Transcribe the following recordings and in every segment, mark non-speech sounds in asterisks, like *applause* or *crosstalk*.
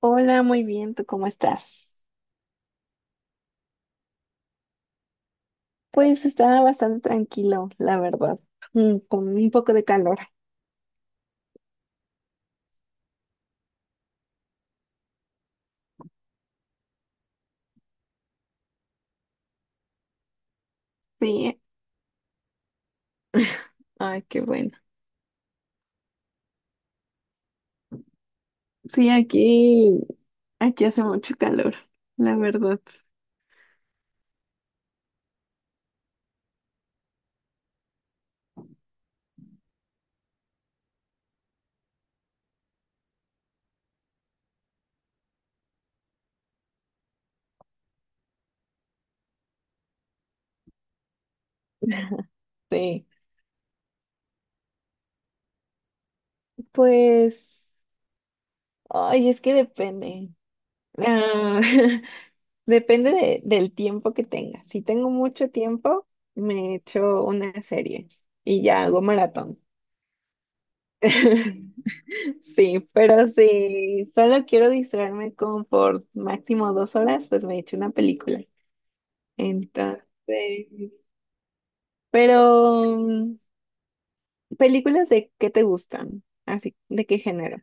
Hola, muy bien, ¿tú cómo estás? Pues estaba bastante tranquilo, la verdad, con un poco de calor. Sí, ¿eh? *laughs* Ay, qué bueno. Sí, aquí hace mucho calor, la verdad. Sí, pues, ay, es que depende. Ah, *laughs* depende del tiempo que tenga. Si tengo mucho tiempo, me echo una serie y ya hago maratón. *laughs* Sí, pero si solo quiero distraerme como por máximo 2 horas, pues me echo una película. Entonces, pero películas de qué te gustan, así, ¿de qué género?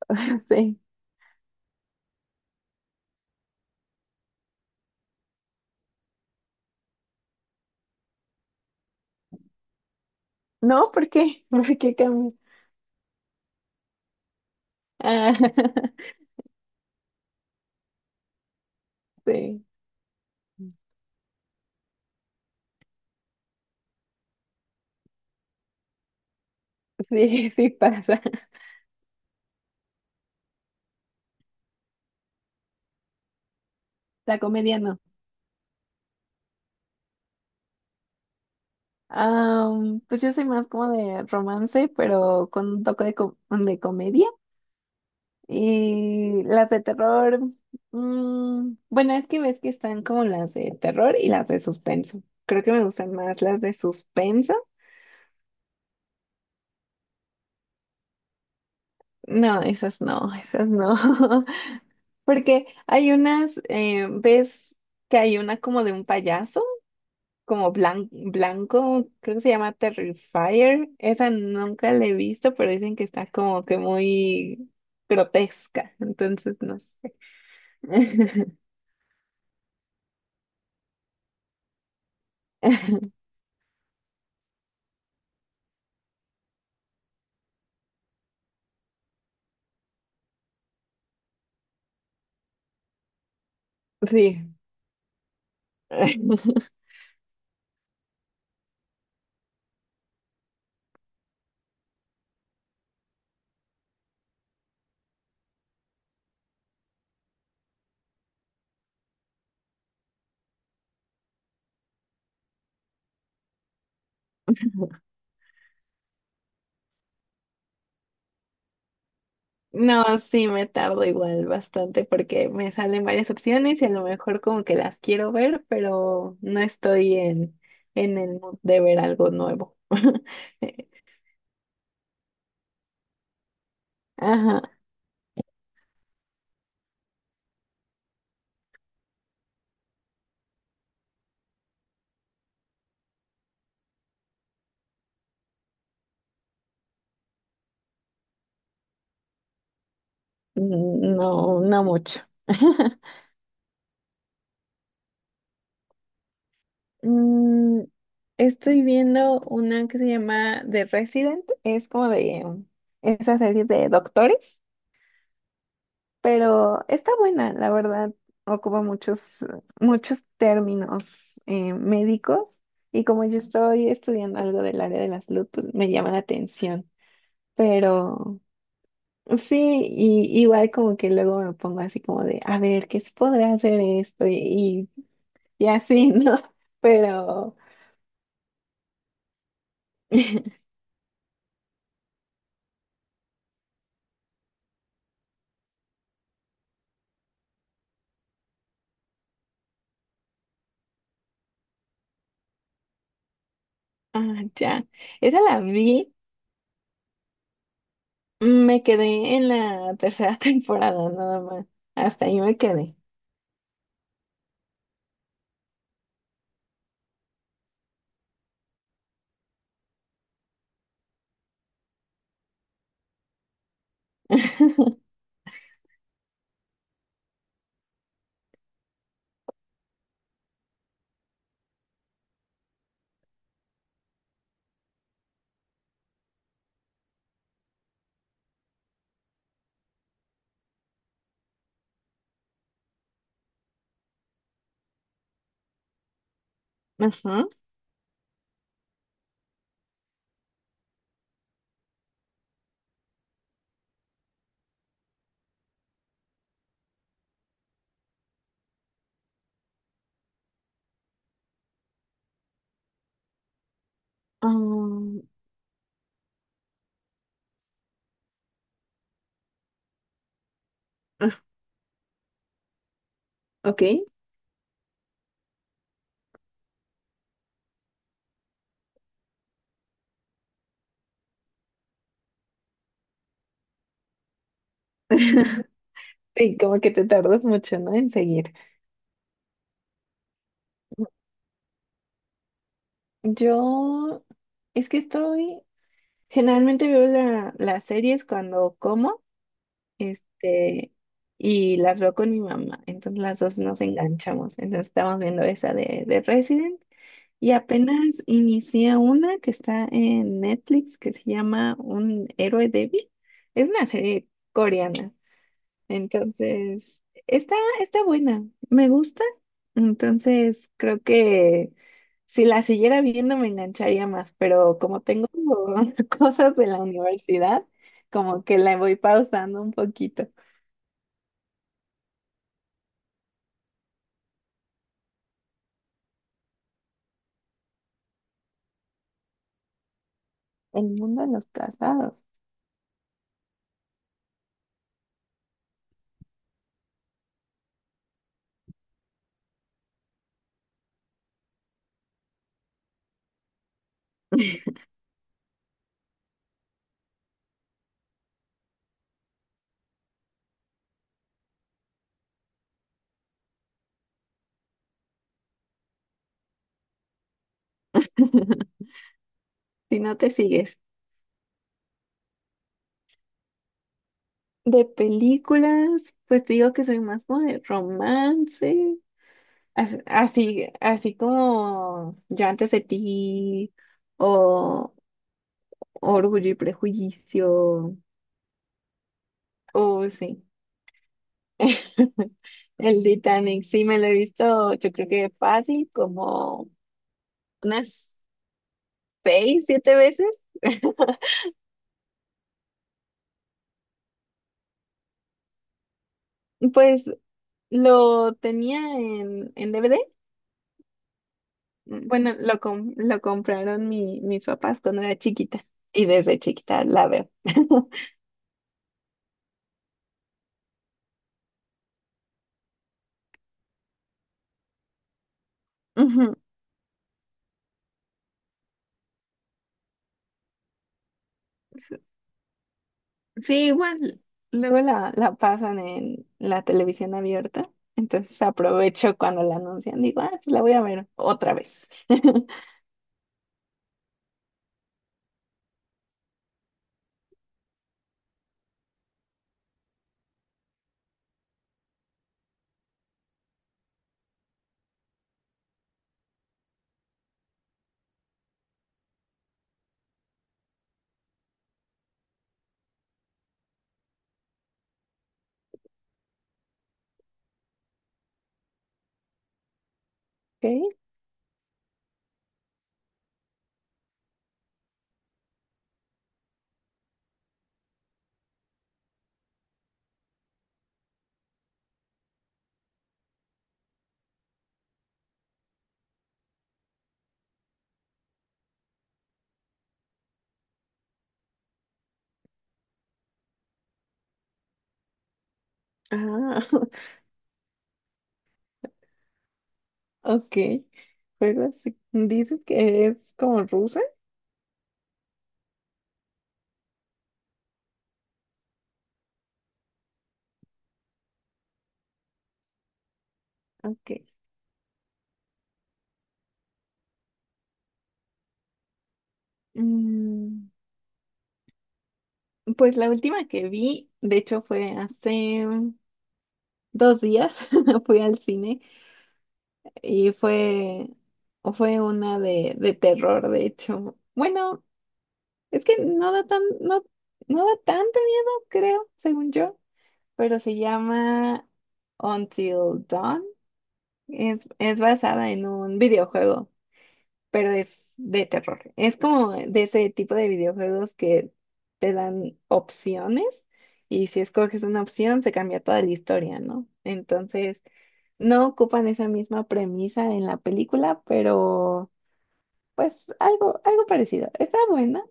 *laughs* Sí. No, ¿por qué? *laughs* ¿Por qué cambia? Ah, *laughs* sí, sí, sí pasa. La comedia no. Ah, pues yo soy más como de romance, pero con un toque de comedia. Y las de terror, bueno, es que ves que están como las de terror y las de suspenso. Creo que me gustan más las de suspenso. No, esas no, esas no. *laughs* Porque hay unas, ves que hay una como de un payaso, como blanco, creo que se llama Terrifier. Esa nunca la he visto, pero dicen que está como que muy grotesca. Entonces, no sé. *laughs* Sí. *laughs* No, sí, me tardo igual bastante porque me salen varias opciones y a lo mejor como que las quiero ver, pero no estoy en el mood de ver algo nuevo. *laughs* Ajá, no, no mucho. *laughs* Mm, estoy viendo una que se llama The Resident, es como de esa serie de doctores. Pero está buena, la verdad. Ocupa muchos términos médicos, y como yo estoy estudiando algo del área de la salud, pues me llama la atención. Pero sí, y, igual como que luego me pongo así como de, a ver, ¿qué se podrá hacer esto? Y así, *laughs* ¿no? Pero, *laughs* ah, ya, esa la vi, me quedé en la tercera *laughs* temporada nada más. Hasta ahí me quedé. *laughs* Ajá. Um, ah, ok. *laughs* Sí, como que te tardas mucho, ¿no? En seguir. Yo es que estoy, generalmente veo las series cuando como, este, y las veo con mi mamá. Entonces las dos nos enganchamos. Entonces estamos viendo esa de Resident, y apenas inicié una que está en Netflix que se llama Un héroe débil. Es una serie coreana. Entonces, está buena, me gusta. Entonces, creo que si la siguiera viendo me engancharía más, pero como tengo *laughs* cosas de la universidad, como que la voy pausando un poquito. El mundo de los casados. *laughs* Si no te sigues. De películas, pues te digo que soy más como de romance, así, así como Yo antes de ti, o Orgullo y Prejuicio. Oh, sí. *laughs* El Titanic, sí me lo he visto, yo creo que fácil, como unas 6, 7 veces. *laughs* Pues lo tenía en DVD. Bueno, lo compraron mis papás cuando era chiquita, y desde chiquita la veo. *laughs* Ujú. Sí, igual. Luego la pasan en la televisión abierta. Entonces aprovecho cuando la anuncian. Digo, ah, pues la voy a ver otra vez. *laughs* Ok. Ah, *laughs* ok. Juegos. Sí. Dices que es como rusa. Ok. Mm, pues la última que vi, de hecho, fue hace 2 días. *laughs* Fui al cine y fue, fue una de terror, de hecho. Bueno, es que no da tanto miedo, creo, según yo, pero se llama Until Dawn. Es basada en un videojuego, pero es de terror. Es como de ese tipo de videojuegos que te dan opciones, y si escoges una opción se cambia toda la historia, ¿no? Entonces, no ocupan esa misma premisa en la película, pero pues algo parecido. Está buena.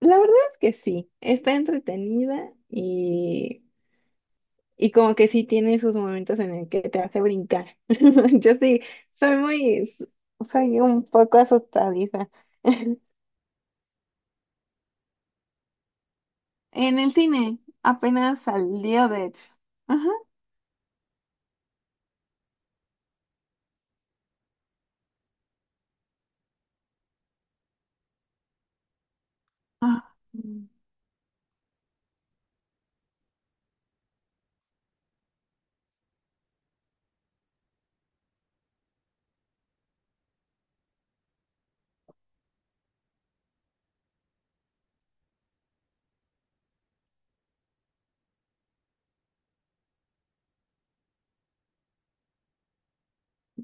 La verdad es que sí, está entretenida, y como que sí tiene sus momentos en el que te hace brincar. *laughs* Yo sí, soy muy, soy un poco asustadiza. *laughs* En el cine, apenas salió, de hecho. Ajá. Ah,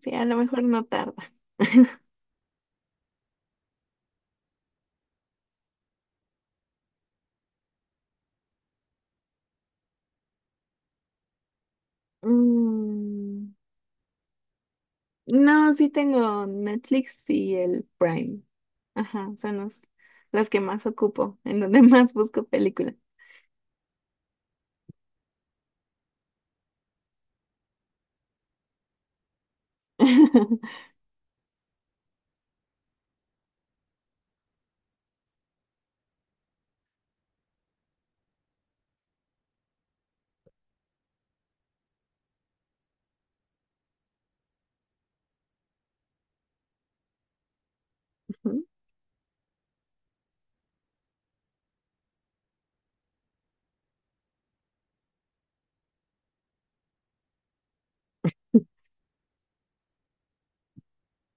sí, a lo mejor no tarda. Mm, no, sí tengo Netflix y el Prime. Ajá, son las que más ocupo, en donde *laughs* más busco películas. *laughs*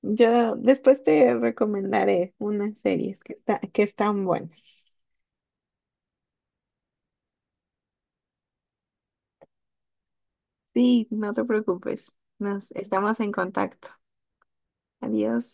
Yo después te recomendaré unas series que están buenas. Sí, no te preocupes. Nos estamos en contacto. Adiós.